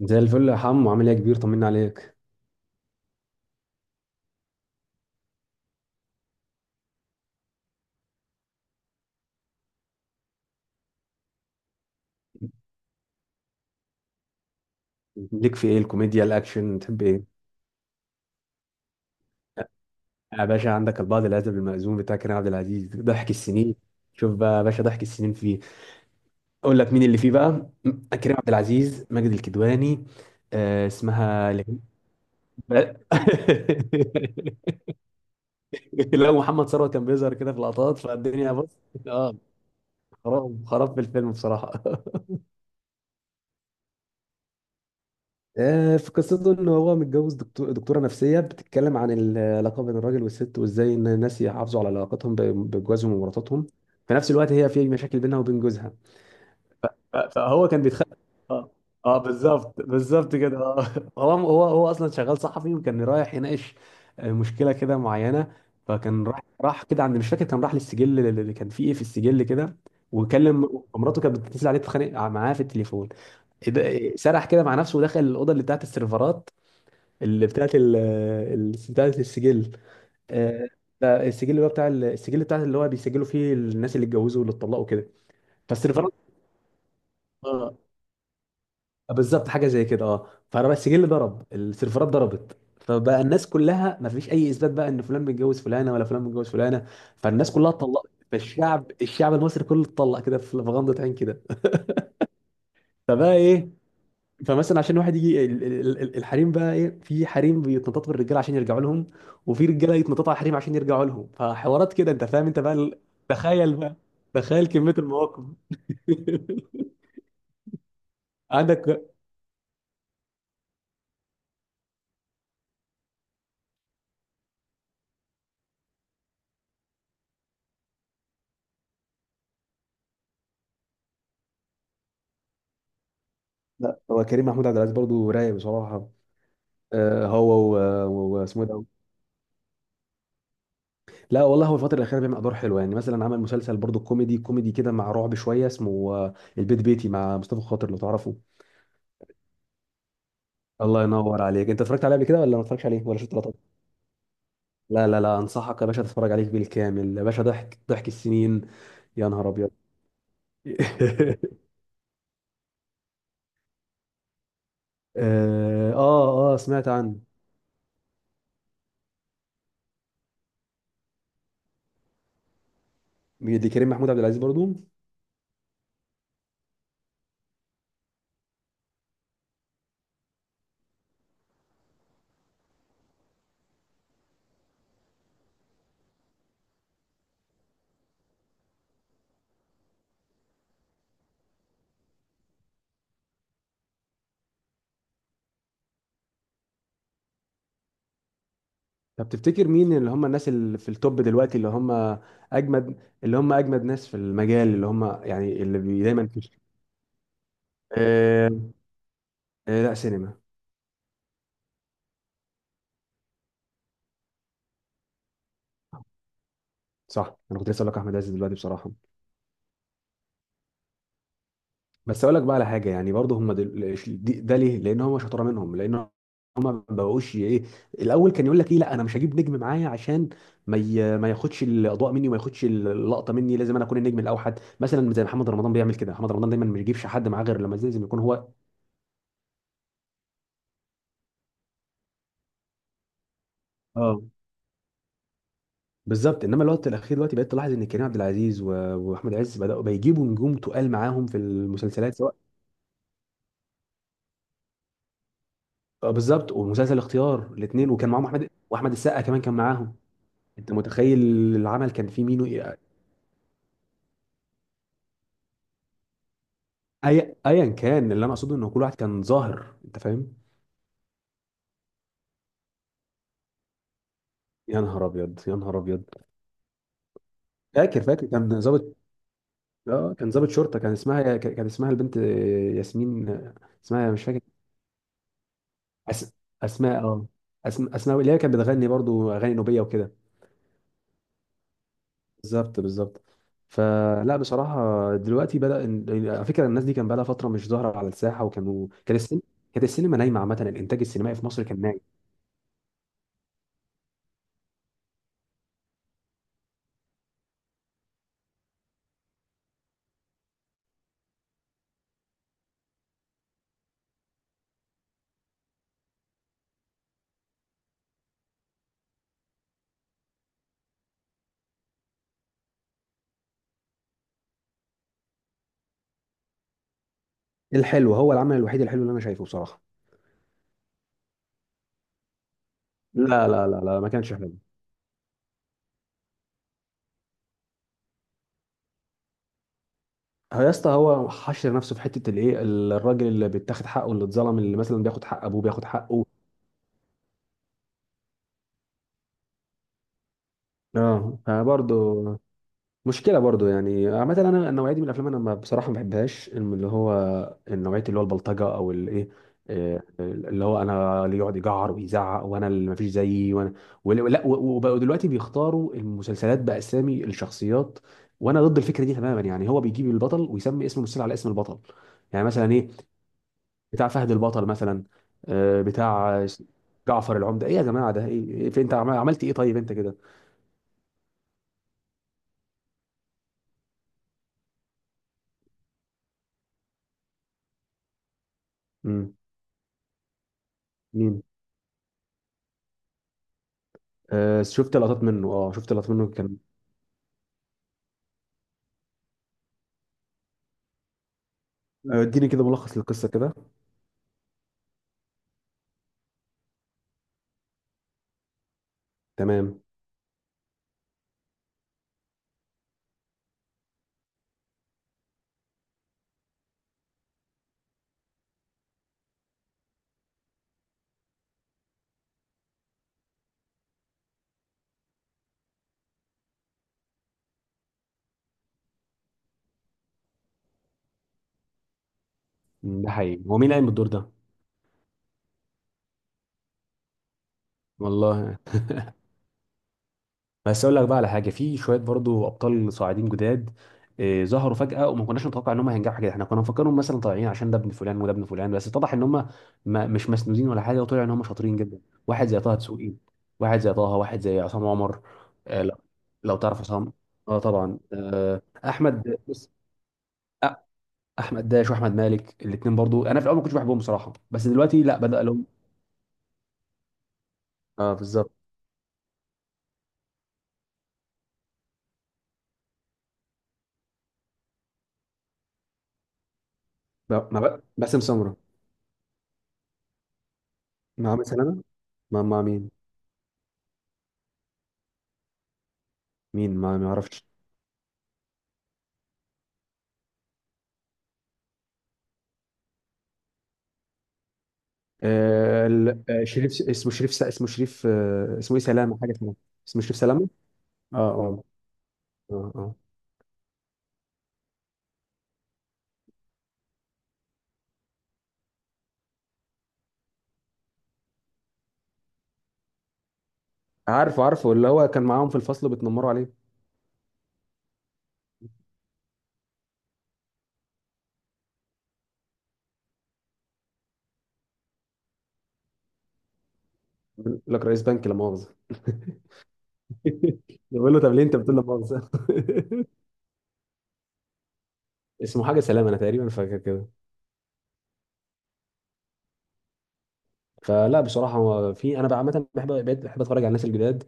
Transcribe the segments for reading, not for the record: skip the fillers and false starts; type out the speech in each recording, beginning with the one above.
زي الفل يا حمو، عامل ايه يا كبير؟ طمنا عليك. ليك في ايه؟ الكوميديا الاكشن، تحب ايه؟ يا باشا عندك البعض الادب المأزوم بتاع كريم عبد العزيز، ضحك السنين. شوف بقى يا باشا، ضحك السنين فيه. اقول لك مين اللي فيه بقى. كريم عبد العزيز، ماجد الكدواني. اسمها لو محمد ثروت كان بيظهر كده في لقطات، فالدنيا بص. اه خراب خراب في الفيلم بصراحة. في قصته ان هو متجوز دكتور دكتوره نفسيه بتتكلم عن العلاقه بين الراجل والست، وازاي ان الناس يحافظوا على علاقتهم بجوازهم ومراتاتهم. في نفس الوقت هي في مشاكل بينها وبين جوزها. فهو كان بيتخ. اه اه بالظبط بالظبط كده، هو اصلا شغال صحفي، وكان رايح يناقش مشكله كده معينه. فكان راح كده، عند مش فاكر، كان راح للسجل اللي كان فيه ايه في السجل كده. وكلم مراته، كانت بتتصل عليه تتخانق معاه في التليفون. إيه ده- إيه، سرح كده مع نفسه ودخل الاوضه اللي بتاعت السيرفرات، اللي بتاعت بتاعت السجل. آه، ده السجل اللي هو بتاع السجل، بتاع اللي هو بيسجلوا فيه الناس اللي اتجوزوا واللي اتطلقوا كده. فالسيرفرات. آه، بالظبط حاجه زي كده. اه فبقى السجل ضرب، السيرفرات ضربت، فبقى الناس كلها ما فيش اي اثبات بقى ان فلان متجوز فلانه ولا فلان متجوز فلانه. فالناس كلها اتطلقت، فالشعب المصري كله اتطلق كده في غمضه عين كده. فبقى ايه؟ فمثلا عشان واحد يجي الحريم بقى ايه، في حريم بيتنططوا بالرجاله عشان يرجعوا لهم، وفي رجاله يتنططوا على الحريم عشان يرجعوا لهم، فحوارات كده انت فاهم؟ انت بقى تخيل بقى، تخيل كميه المواقف. عندك، لا هو كريم محمود عبد العزيز برضه رايق بصراحه. هو واسمه إيه ده؟ لا والله، هو الفتره الاخيره بيعمل ادوار حلوه، يعني مثلا عمل مسلسل برضه كوميدي، كوميدي كده مع رعب شويه، اسمه البيت بيتي، مع مصطفى خاطر لو تعرفه. الله ينور عليك، انت اتفرجت عليه قبل كده ولا ما اتفرجتش عليه، ولا شفت لقطات؟ لا لا لا، انصحك يا باشا تتفرج عليه بالكامل يا باشا، ضحك السنين. يا نهار ابيض. اه اه، سمعت عنه. مين دي؟ كريم محمود عبد العزيز برضو؟ طب تفتكر مين اللي هم الناس اللي في التوب دلوقتي، اللي هم اجمد، اللي هم اجمد ناس في المجال، اللي هم يعني اللي بي دايما في؟ آه لا، سينما. صح، انا كنت لسه اقول لك احمد عز دلوقتي بصراحه. بس اقول لك بقى على حاجه، يعني برضه هم ده ليه؟ لان هم شطاره منهم، لان هم ما بقوش ايه. الاول كان يقول لك ايه، لا انا مش هجيب نجم معايا عشان ما ياخدش الاضواء مني، وما ياخدش اللقطه مني، لازم انا اكون النجم الاوحد، مثلا زي محمد رمضان بيعمل كده، محمد رمضان دايما ما بيجيبش حد معاه غير لما لازم يكون هو. اه، بالظبط. انما الوقت الاخير دلوقتي بقيت تلاحظ ان كريم عبد العزيز واحمد عز بداوا بيجيبوا نجوم تقال معاهم في المسلسلات سواء. بالظبط، ومسلسل اختيار الاثنين، وكان معاهم احمد، واحمد السقا كمان كان معاهم. انت متخيل العمل كان فيه مين وإيه؟ اي ايا كان، اللي انا اقصده ان كل واحد كان ظاهر، انت فاهم. يا نهار ابيض، يا نهار ابيض. فاكر فاكر كان ظابط. اه، كان ظابط شرطه، كان اسمها، كان اسمها البنت ياسمين. اسمها مش فاكر. أس... اسماء، اه. اسماء اللي هي كانت بتغني برضو اغاني نوبيه وكده. بالظبط بالظبط. فلا بصراحه دلوقتي بدا على فكره الناس دي كان بقى لها فتره مش ظاهره على الساحه، وكانوا، كانت السينما نايمه، عامه الانتاج السينمائي في مصر كان نايم. الحلو هو العمل الوحيد الحلو اللي انا شايفه بصراحه. لا لا لا لا، ما كانش حلو. هو يا اسطى هو حشر نفسه في حته الايه، الراجل اللي بيتاخد حقه، اللي اتظلم، اللي مثلا بياخد حق ابوه، بياخد حقه. اه، فبرضه مشكله برضو يعني عامه، انا النوعيه دي من الافلام انا ما بصراحه ما بحبهاش اللي هو النوعيه، اللي هو البلطجه او الايه. إيه، آه، اللي هو انا، اللي يقعد يجعر ويزعق وانا، اللي ما فيش زيي، وانا. ولا لا، وبقوا دلوقتي بيختاروا المسلسلات باسامي الشخصيات، وانا ضد الفكره دي تماما. يعني هو بيجيب البطل ويسمي اسم المسلسل على اسم البطل، يعني مثلا ايه، بتاع فهد البطل مثلا، بتاع جعفر العمده. ايه يا جماعه ده ايه؟ انت عملت ايه طيب انت كده؟ امم، شفت لقطات منه، اه شفت لقطات منه كان. اديني كده ملخص للقصه كده. تمام. ده حقيقي، هو مين قايم بالدور ده؟ والله. بس اقول لك بقى على حاجه، في شويه برضو ابطال صاعدين جداد ظهروا فجاه، وما كناش نتوقع ان هم هينجحوا كده. احنا كنا مفكرهم مثلا طالعين عشان ده ابن فلان وده ابن فلان، بس اتضح ان هم ما مش مسنودين ولا حاجه، وطلع ان هم شاطرين جدا. واحد زي طه دسوقي، واحد زي طه، واحد زي عصام عمر. لو لو تعرف عصام، اه طبعا. احمد، بص احمد داش واحمد مالك، الاثنين برضو انا في الاول ما كنتش بحبهم بصراحه، بس دلوقتي لا، بدا لهم. اه بالظبط. مع باسم سمره، مع مثلا، مع مين؟ مين، ما اعرفش. شريف اسمه شريف، اسمه شريف، اسمه ايه؟ سلامه، حاجه سلامه. اسمه شريف سلامه. اه اه اه اه عارفه عارفه، اللي هو كان معاهم في الفصل بيتنمروا عليه. بيقول لك رئيس بنك لا مؤاخذه. بيقول له، طب ليه انت بتقول لا مؤاخذه؟ اسمه حاجه سلامه، انا تقريبا فاكر كده. فلا بصراحه، هو في انا بقى عامه بحب، بقيت بحب اتفرج على الناس الجداد،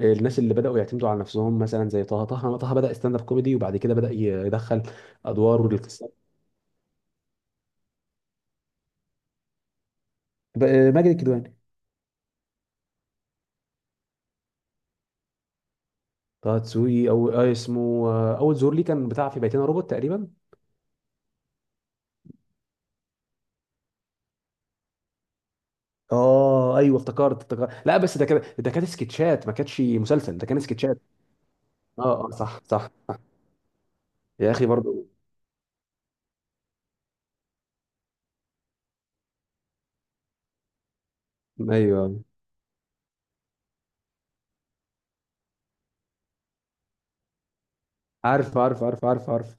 الناس اللي بدأوا يعتمدوا على نفسهم، مثلا زي طه، طه بدأ ستاند اب كوميدي، وبعد كده بدأ يدخل أدوار للقصة. بقى ماجد الكدواني. طه دسوقي، أو اسمه، أول ظهور ليه كان بتاع في بيتنا روبوت تقريبا. اه ايوه افتكرت افتكرت، لا بس ده كده ده كانت سكتشات، ما كانتش مسلسل، ده كان سكتشات. اه اه، صح صح. يا أخي برضو. أيوه. عارف عارف عارف عارف عارف.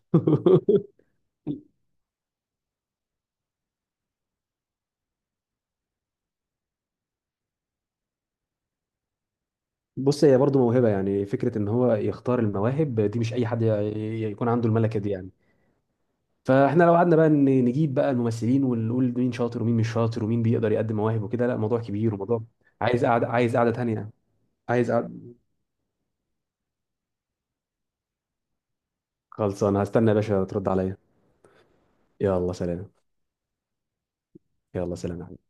بص، هي برضو موهبة، يعني فكرة إن هو يختار المواهب دي، مش أي حد يكون عنده الملكة دي يعني. فاحنا لو قعدنا بقى نجيب بقى الممثلين ونقول مين شاطر ومين مش شاطر ومين بيقدر يقدم مواهب وكده، لا موضوع كبير وموضوع. عايز قعدة، عايز قعدة تانية. عايز قعدة. خلصانه، هستنى يا باشا ترد عليا. يلا سلام. يلا سلام يا حبيبي.